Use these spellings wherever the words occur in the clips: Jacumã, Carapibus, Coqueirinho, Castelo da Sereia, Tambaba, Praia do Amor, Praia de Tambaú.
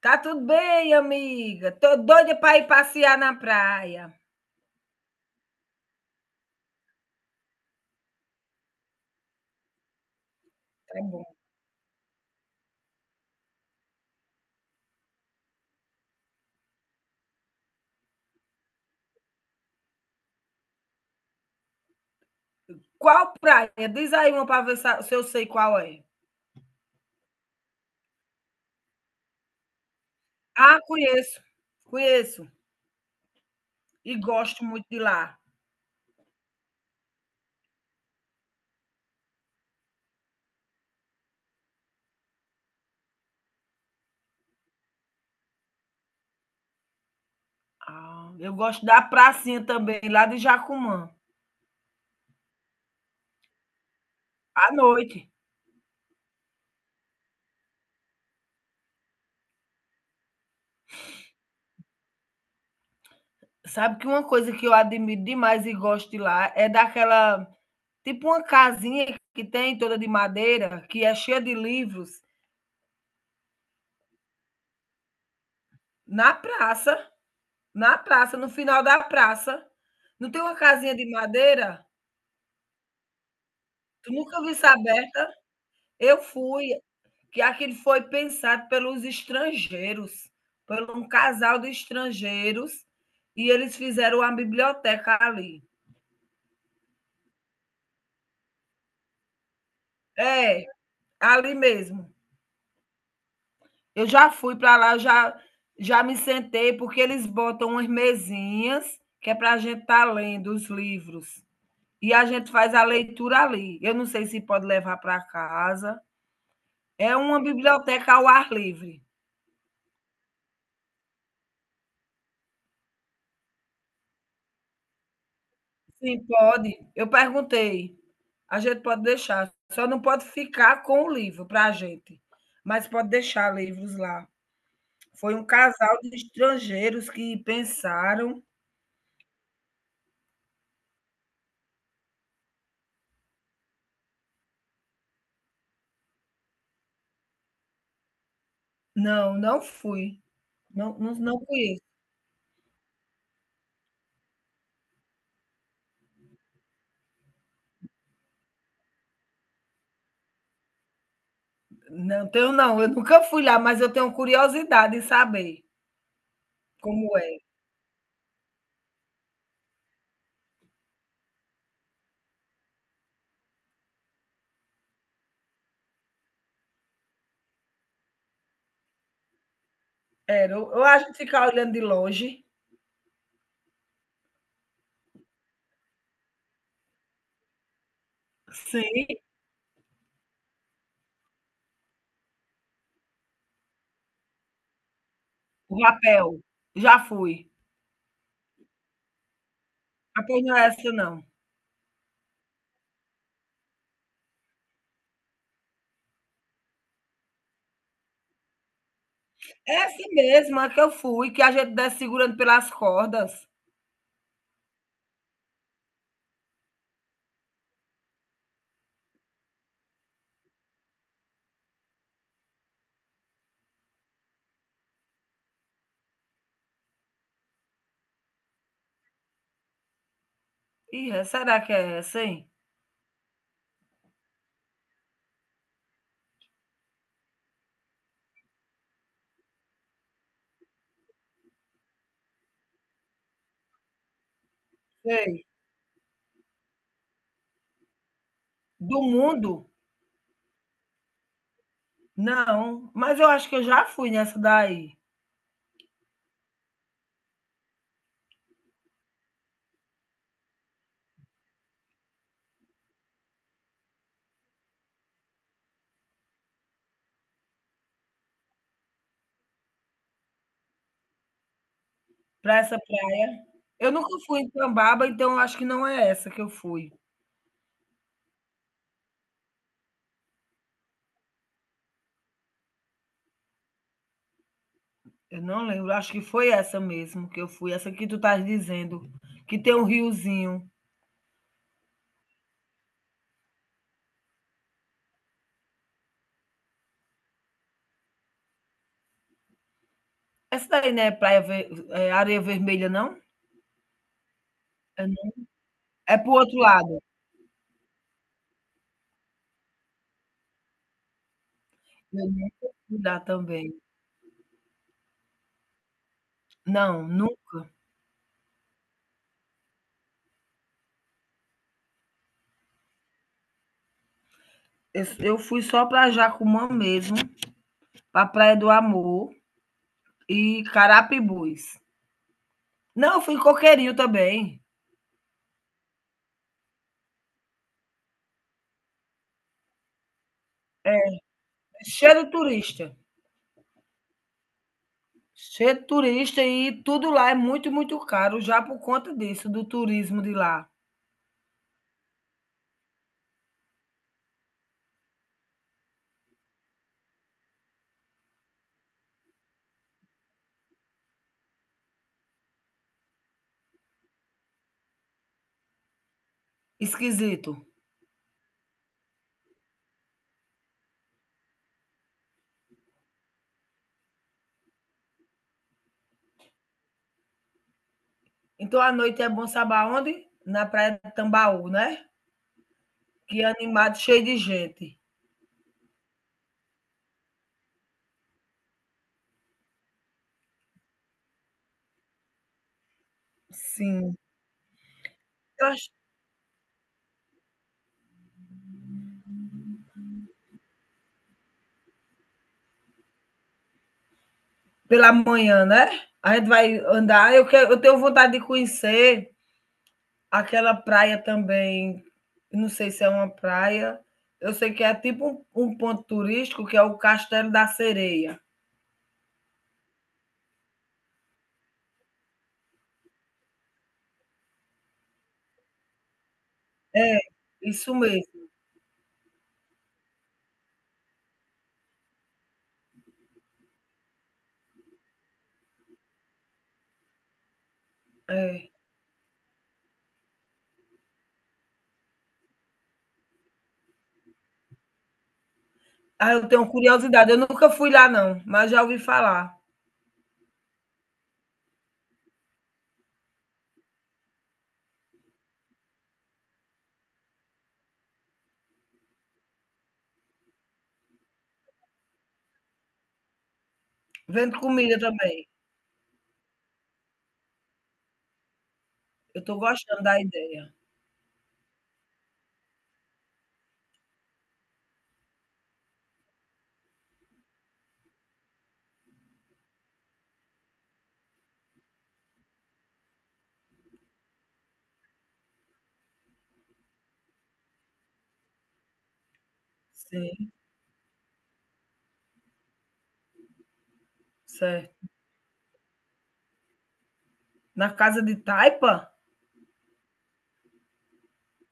Tá tudo bem, amiga. Tô doida para ir passear na praia. Tá bom. Qual praia? Diz aí uma para ver se eu sei qual é. Ah, conheço. Conheço e gosto muito de lá. Ah, eu gosto da pracinha também, lá de Jacumã, à noite. Sabe que uma coisa que eu admiro demais e gosto de lá é daquela, tipo uma casinha que tem toda de madeira, que é cheia de livros na praça. Na praça, no final da praça. Não tem uma casinha de madeira? Tu nunca viu isso aberta? Eu fui, que aquilo foi pensado pelos estrangeiros, por um casal de estrangeiros, e eles fizeram uma biblioteca ali. É, ali mesmo. Eu já fui para lá, já me sentei, porque eles botam umas mesinhas que é para a gente estar tá lendo os livros. E a gente faz a leitura ali. Eu não sei se pode levar para casa. É uma biblioteca ao ar livre. Sim, pode. Eu perguntei. A gente pode deixar, só não pode ficar com o livro para a gente, mas pode deixar livros lá. Foi um casal de estrangeiros que pensaram. Não, não fui. Não, não, não conheço. Não tenho, não. Eu nunca fui lá, mas eu tenho curiosidade em saber como é. Era, ou a gente ficar olhando de longe. Sim, o rapel. Já fui. Rapel não é essa, não. Essa mesma que eu fui, que a gente desce segurando pelas cordas. Ih, é- será que é essa, hein? Sei. Do mundo? Não, mas eu acho que eu já fui nessa daí, para essa praia. Eu nunca fui em Tambaba, então eu acho que não é essa que eu fui. Eu não lembro, acho que foi essa mesmo que eu fui, essa que tu estás dizendo, que tem um riozinho. Essa daí não é praia ver- é areia vermelha, não? É não. É pro outro lado. Eu nunca fui lá também. Não, nunca. Eu fui só para Jacumã mesmo, para Praia do Amor e Carapibus. Não, eu fui em Coqueirinho também. É cheio de turista. Cheio de turista e tudo lá é muito, muito caro, já por conta disso, do turismo de lá. Esquisito. Então a noite é bom saber onde? Na Praia de Tambaú, né? Que é animado, cheio de gente. Sim. Eu acho- Pela manhã, né? A gente vai andar. Eu, quero, eu tenho vontade de conhecer aquela praia também, não sei se é uma praia, eu sei que é tipo um ponto turístico que é o Castelo da Sereia. Isso mesmo, é. Ah, eu tenho curiosidade, eu nunca fui lá não, mas já ouvi falar. Vendo comida também. Eu estou gostando da ideia. Sim, certo. Na casa de taipa?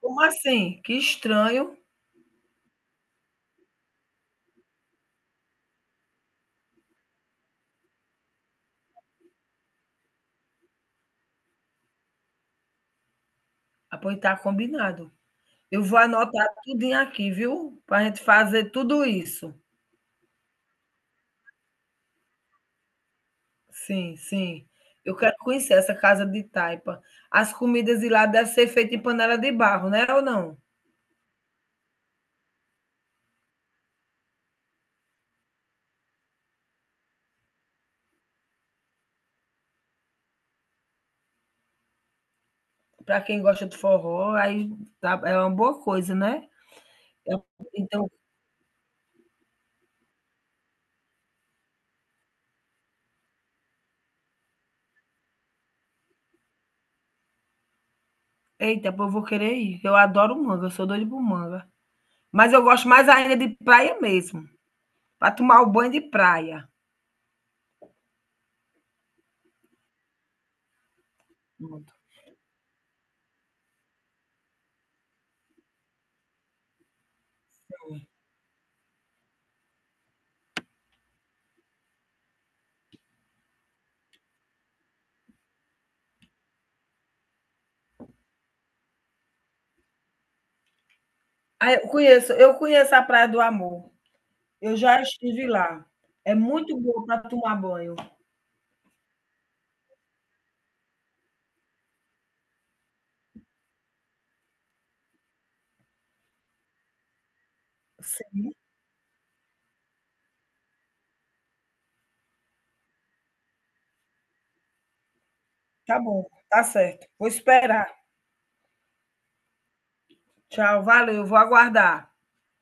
Como assim? Que estranho. Ah, pois tá combinado. Eu vou anotar tudinho aqui, viu? Para a gente fazer tudo isso. Sim, sim. Eu quero conhecer essa casa de taipa. As comidas de lá devem ser feitas em panela de barro, né, ou não? Para quem gosta de forró, aí tá é uma boa coisa, né. Eu então eita, pô, eu vou querer ir. Eu adoro manga, eu sou doida por manga. Mas eu gosto mais ainda de praia mesmo, para tomar o banho de praia. Pronto. Ah, eu conheço a Praia do Amor. Eu já estive lá. É muito bom para tomar banho. Sim, tá bom, tá certo. Vou esperar. Tchau, valeu, vou aguardar.